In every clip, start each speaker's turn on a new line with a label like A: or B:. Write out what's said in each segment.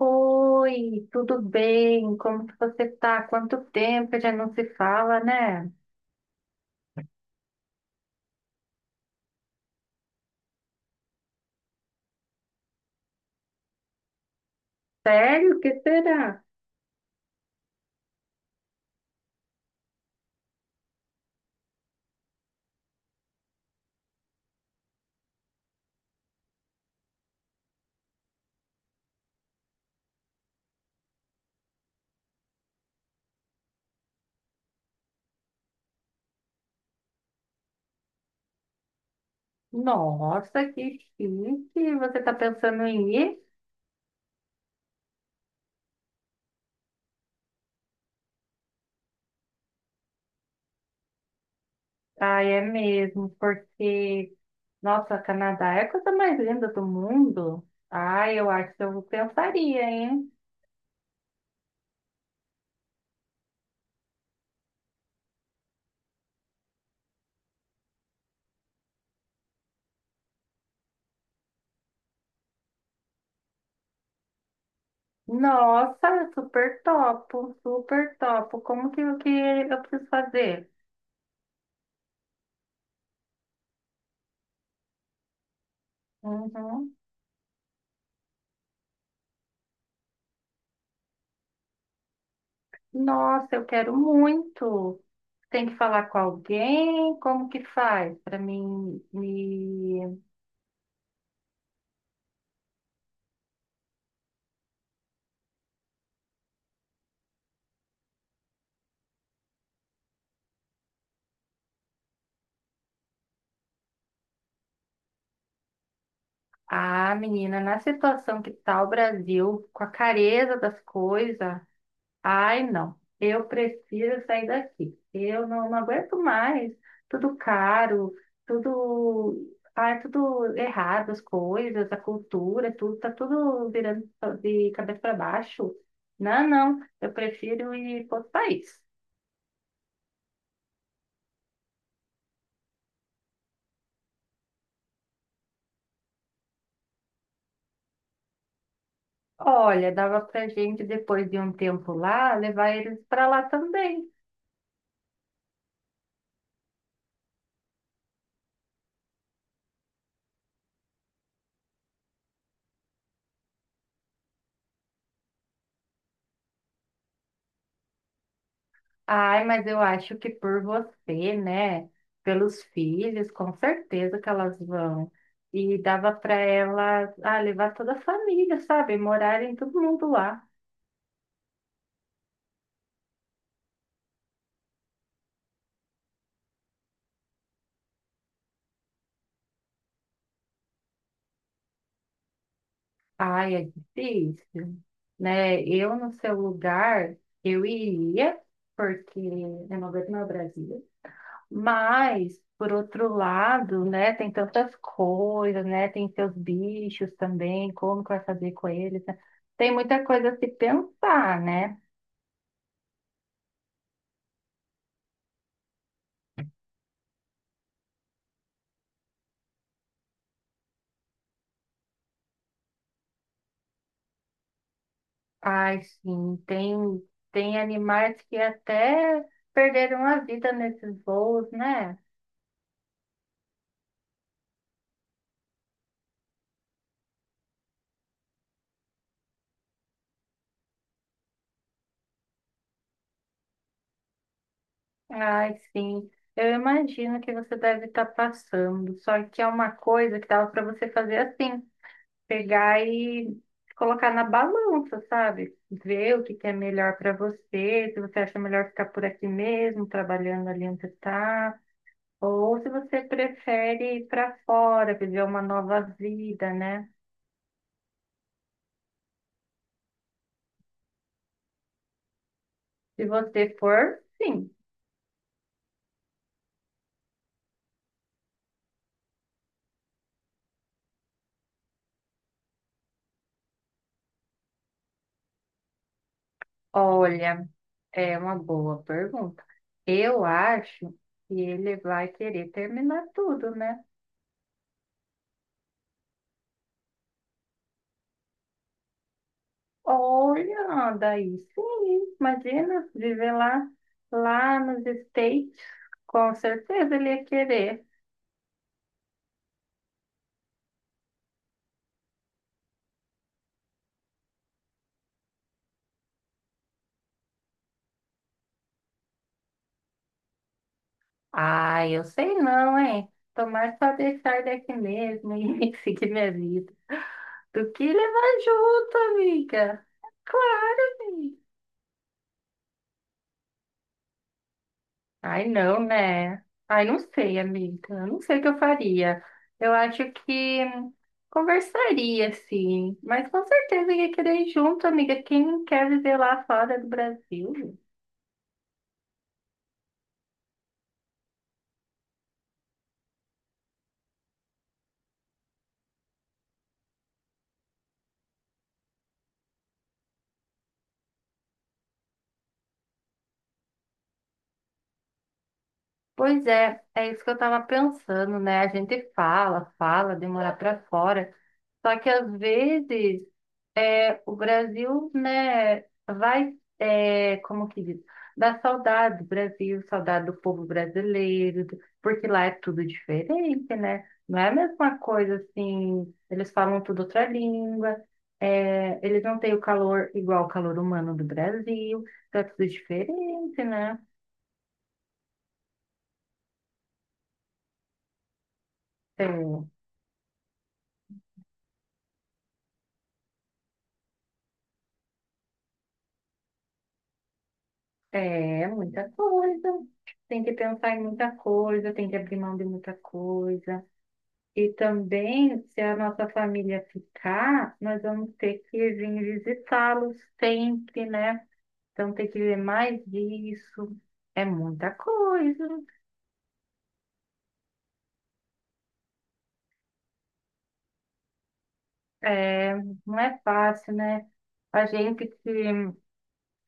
A: Oi, tudo bem? Como que você tá? Quanto tempo que já não se fala, né? Sério? O que será? Nossa, que chique! Você tá pensando em ir? Ah, é mesmo, porque, nossa, Canadá é a coisa mais linda do mundo. Ah, eu acho que eu pensaria, hein? Nossa, super topo, super topo. Como que, o que eu preciso fazer? Uhum. Nossa, eu quero muito. Tem que falar com alguém? Como que faz para mim me... Ah, menina, na situação que tá o Brasil, com a careza das coisas, ai, não. Eu prefiro sair daqui. Eu não aguento mais. Tudo caro, tudo... Ai, tudo errado, as coisas, a cultura, tudo, tá tudo virando de cabeça para baixo. Não, não. Eu prefiro ir para outro país. Olha, dava pra gente, depois de um tempo lá, levar eles para lá também. Ai, mas eu acho que por você, né? Pelos filhos, com certeza que elas vão. E dava para elas, ah, levar toda a família, sabe? Morarem todo mundo lá. Ai, é difícil, né? Eu, no seu lugar, eu iria, porque eu não aguento mais o Brasil. Mas, por outro lado, né, tem tantas coisas, né? Tem seus bichos também, como que vai fazer com eles, né? Tem muita coisa a se pensar, né? Ai, sim, tem, tem animais que até perderam a vida nesses voos, né? Ai, sim. Eu imagino que você deve estar passando, só que é uma coisa que dava para você fazer assim. Pegar e colocar na balança, sabe? Ver o que que é melhor para você, se você acha melhor ficar por aqui mesmo, trabalhando ali onde está, ou se você prefere ir para fora, viver uma nova vida, né? Se você for, sim. Olha, é uma boa pergunta. Eu acho que ele vai querer terminar tudo, né? Olha, daí sim, imagina viver lá, lá nos States, com certeza ele ia querer. Ah, eu sei não, hein? Tomar só deixar daqui mesmo e seguir minha vida. Do que levar junto, amiga? Claro, amiga. Ai, não, né? Ai, não sei, amiga. Eu não sei o que eu faria. Eu acho que conversaria, sim. Mas com certeza ia querer ir junto, amiga. Quem quer viver lá fora do Brasil? Pois é, é isso que eu tava pensando, né? A gente fala, fala, demora pra fora. Só que às vezes. O Brasil, né, vai, como que diz, dá saudade do Brasil, saudade do povo brasileiro, do- porque lá é tudo diferente, né? Não é a mesma coisa assim, eles falam tudo outra língua, eles não têm o calor igual o calor humano do Brasil, então é tudo diferente, né? Então, é muita coisa, tem que pensar em muita coisa, tem que abrir mão de muita coisa. E também, se a nossa família ficar, nós vamos ter que vir visitá-los sempre, né? Então, tem que ver mais disso. É muita coisa. É, não é fácil, né? A gente que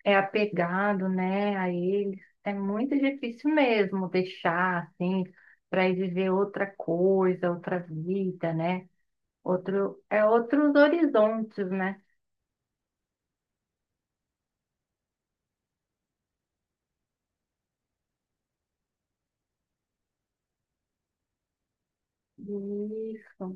A: é apegado, né, a eles, é muito difícil mesmo deixar, assim, para ir viver outra coisa, outra vida, né? Outro, é outros horizontes, né? Isso.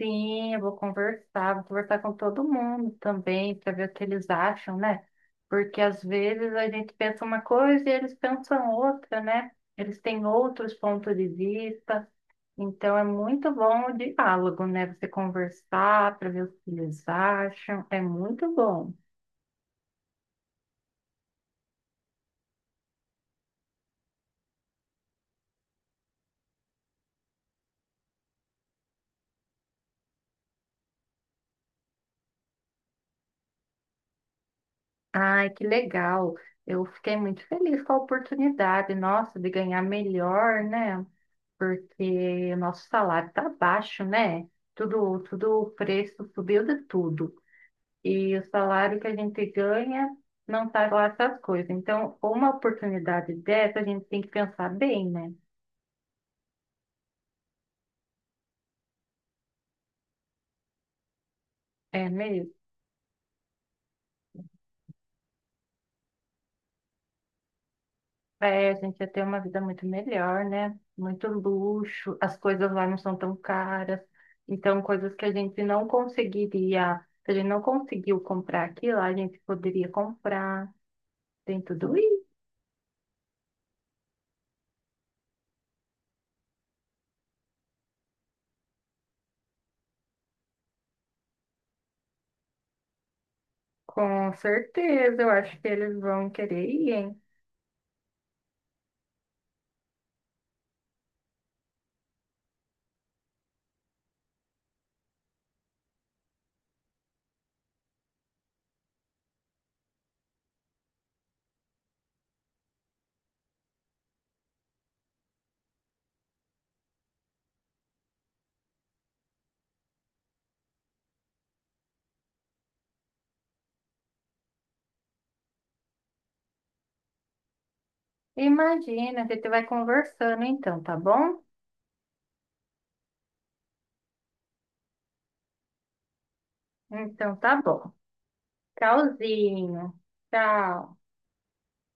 A: Sim, eu vou conversar com todo mundo também, para ver o que eles acham, né? Porque às vezes a gente pensa uma coisa e eles pensam outra, né? Eles têm outros pontos de vista, então é muito bom o diálogo, né? Você conversar para ver o que eles acham, é muito bom. Ai, que legal! Eu fiquei muito feliz com a oportunidade, nossa, de ganhar melhor, né? Porque o nosso salário está baixo, né? Tudo, tudo, o preço subiu de tudo. E o salário que a gente ganha não está lá essas coisas. Então, uma oportunidade dessa, a gente tem que pensar bem, né? É mesmo. É, a gente ia ter uma vida muito melhor, né? Muito luxo, as coisas lá não são tão caras. Então, coisas que a gente não conseguiria, se a gente não conseguiu comprar aqui lá, a gente poderia comprar. Tem tudo. Com certeza, eu acho que eles vão querer ir, hein? Imagina, a gente vai conversando então, tá bom? Então tá bom. Tchauzinho. Tchau.